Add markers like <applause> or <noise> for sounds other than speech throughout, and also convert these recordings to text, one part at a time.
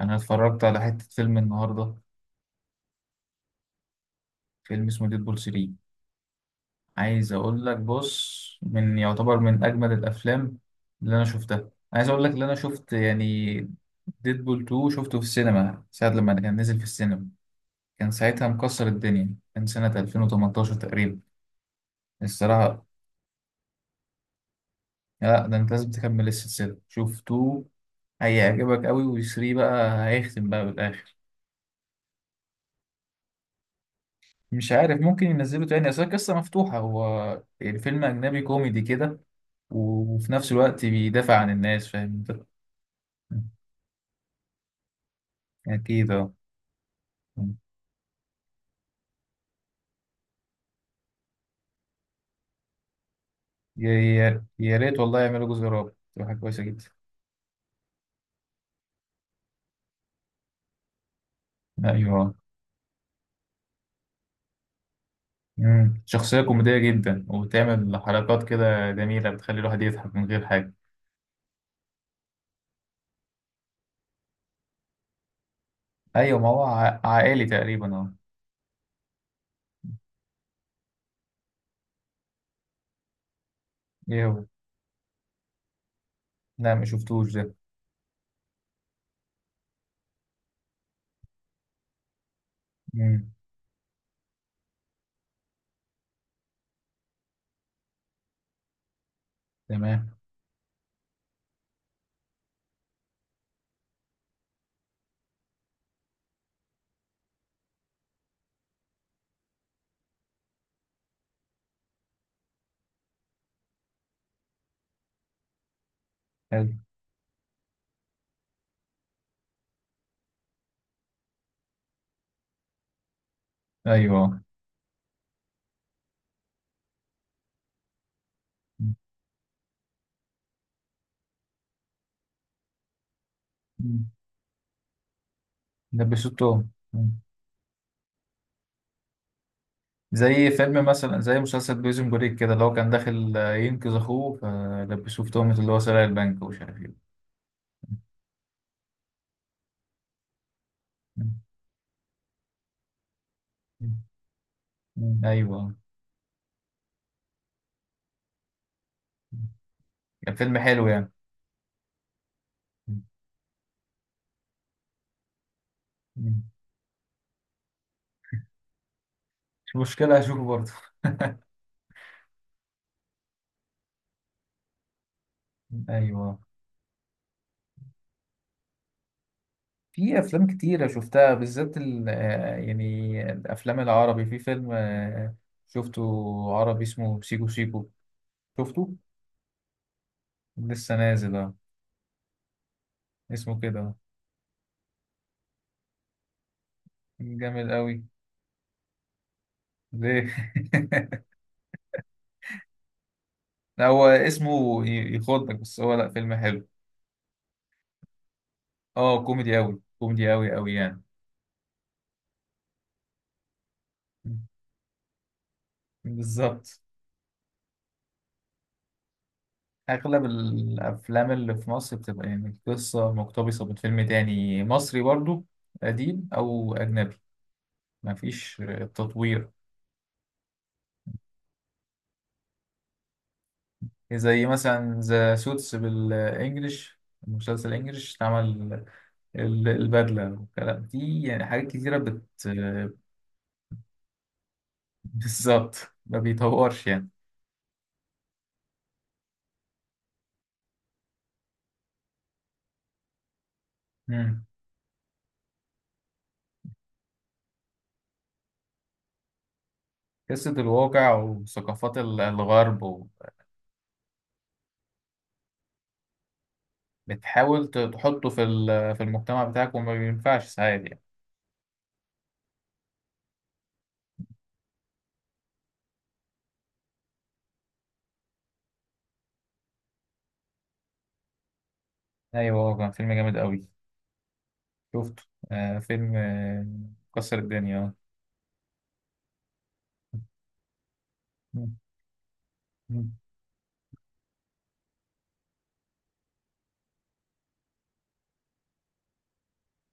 انا اتفرجت على حتة فيلم النهاردة. فيلم اسمه ديدبول 3. عايز اقول لك، بص، من يعتبر من اجمل الافلام اللي انا شفتها. عايز اقول لك اللي انا شفت يعني. ديدبول 2 شفته في السينما ساعة لما كان نزل في السينما. كان ساعتها مكسر الدنيا، كان سنة 2018 تقريبا، الصراحة. لا، ده انت لازم تكمل السلسلة. شوف 2، هيعجبك قوي، و3 بقى هيختم بقى بالاخر. مش عارف، ممكن ينزله تاني، اصل القصه مفتوحه. هو يعني فيلم اجنبي كوميدي كده، وفي نفس الوقت بيدافع عن الناس، فاهم انت؟ اكيد اه. يا ريت والله يعملوا جزء رابع، تبقى حاجه كويسه جدا. ايوه. مم. شخصيه كوميديه جدا، وبتعمل حركات كده جميله، بتخلي الواحد يضحك من غير حاجه. ايوه، ما هو عائلي تقريبا، اه. ايه هو؟ لا، ما شفتوش ده. مم. تمام. حلو. ايوه، آه. مم. ده بيشوتهم. زي فيلم مثلا، زي مسلسل بريزون بريك كده، اللي هو كان داخل ينقذ اخوه، فلبسوه في تهمة اللي هو سرق البنك ومش عارف ايه. مم. مم. مم. ايوه. كان فيلم حلو يعني. مم. مم. مش مشكلة، هشوفه برضه. ايوه. في افلام كتيرة شفتها، بالذات يعني الافلام العربي. في فيلم شفته، عربي اسمه سيكو سيكو. شفته، لسه نازل، آه. اسمه كده. جامد قوي. ليه؟ <laughs> هو اسمه يخضك بس، هو لا، فيلم حلو. اه، كوميدي أوي، كوميدي أوي أوي يعني. م. بالظبط. أغلب الأفلام اللي في مصر بتبقى يعني القصة مقتبسة من فيلم تاني مصري برضو، قديم أو أجنبي. مفيش تطوير. زي مثلا ذا سوتس بالإنجلش، المسلسل إنجلش اتعمل، البدلة والكلام دي، يعني حاجات كتيرة بت <laughs> بالظبط، ما بيطورش يعني. قصة الواقع وثقافات الغرب و-. بتحاول تحطه في في المجتمع بتاعك، وما بينفعش ساعات يعني. أيوة، هو كان فيلم جامد أوي. شفته، آه، فيلم، آه، كسر الدنيا، آه. مم. مم.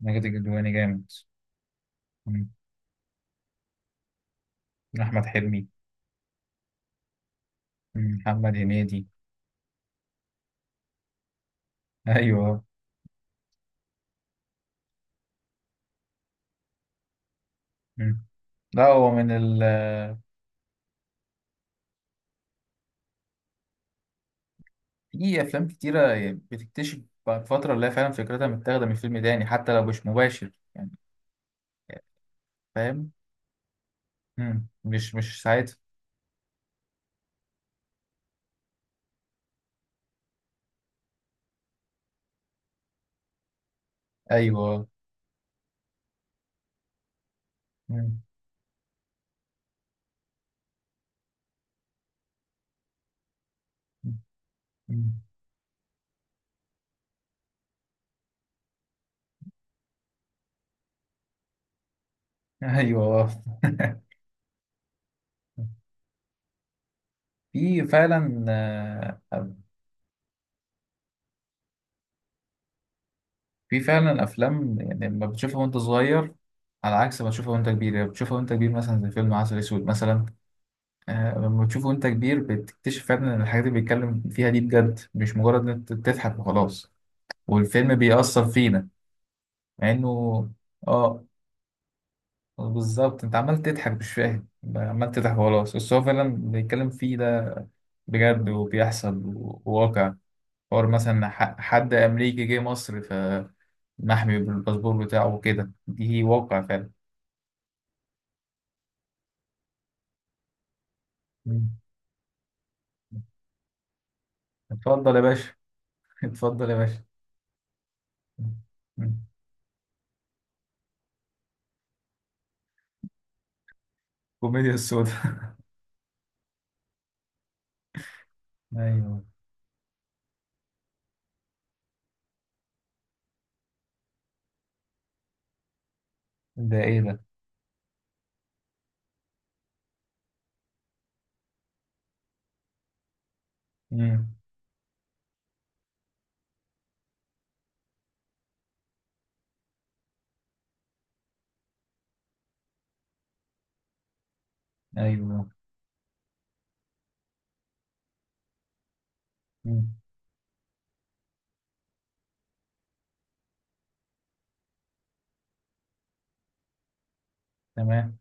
ماجد الكدواني جامد. مم. أحمد حلمي. مم. محمد هنيدي. <laughs> أيوة. مم. لا، هو من ال-. في أفلام كتيرة يعني بتكتشف بعد فترة، اللي هي فعلا فكرتها متاخدة من فيلم تاني، حتى لو مش مباشر يعني. فاهم. مم. مش ساعتها. أيوة. مم. مم. ايوه. في فعلا، آه، في فعلا افلام يعني لما بتشوفها وانت صغير على عكس ما تشوفها وانت كبير. يعني بتشوفها وانت كبير، مثلا زي فيلم عسل اسود مثلا، آه، لما بتشوفه وانت كبير بتكتشف فعلا ان الحاجات اللي بيتكلم فيها دي بجد، مش مجرد ان انت تضحك وخلاص. والفيلم بيأثر فينا. مع انه، اه، بالظبط. انت عمال تضحك مش فاهم، عمال تضحك وخلاص، بس هو فعلا بيتكلم فيه ده بجد، وبيحصل، وواقع. حوار مثلا حد أمريكي جه مصر فمحمي بالباسبور بتاعه وكده، دي واقع فعلا. مم. اتفضل يا باشا. <laughs> اتفضل يا باشا. مم. كوميديا السودا. <laughs> ايوه. ده ايه ده؟ مم. ايوه. مم. تمام.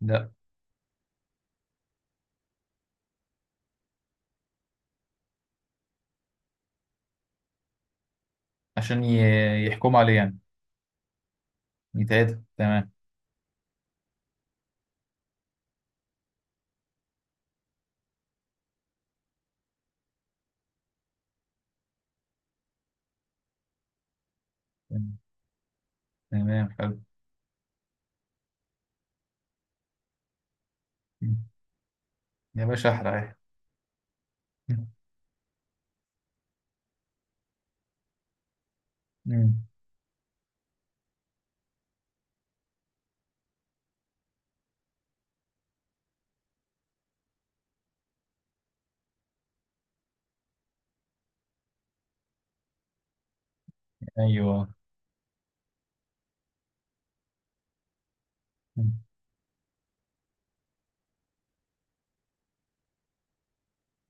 لا. عشان يحكموا عليه يعني. يتعدل، تمام. مم. تمام. حلو. مم. يا باشا احرق. مم. مم. ايوه. مم.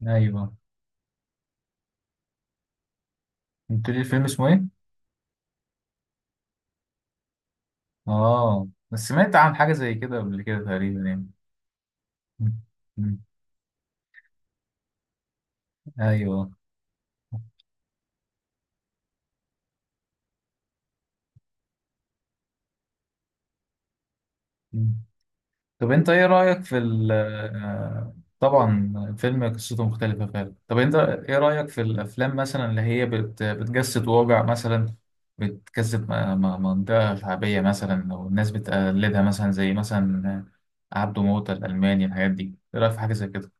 ايوه. قلت لي الفيلم اسمه ايه؟ اه، بس سمعت عن حاجه زي كده قبل كده تقريبا يعني. مم. مم. ايوه. مم. طب انت ايه رأيك في ال آه، طبعا الفيلم قصته مختلفة فعلا. طب انت ايه رأيك في الافلام مثلا اللي هي بتجسد واقع مثلا، بتجسد منطقة شعبية مثلا، او الناس بتقلدها، مثلا زي مثلا عبده موتة، الألماني، الحاجات دي، ايه رأيك في حاجة زي كده؟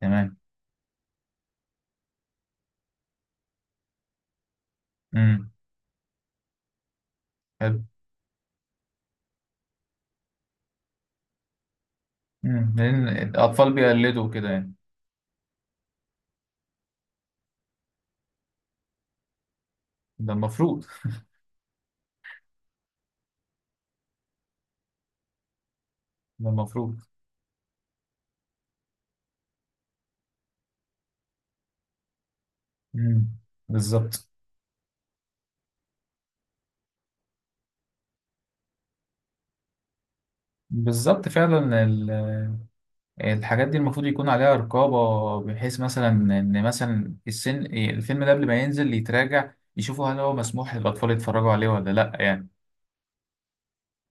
تمام. امم. حلو. امم. لأن الأطفال بيقلدوا كده يعني. ده المفروض. ده المفروض. امم. بالظبط. بالظبط فعلا. الحاجات دي المفروض يكون عليها رقابة، بحيث مثلا إن مثلا السن، الفيلم ده قبل ما ينزل يتراجع يشوفوا هل هو مسموح للأطفال يتفرجوا عليه ولا لأ يعني.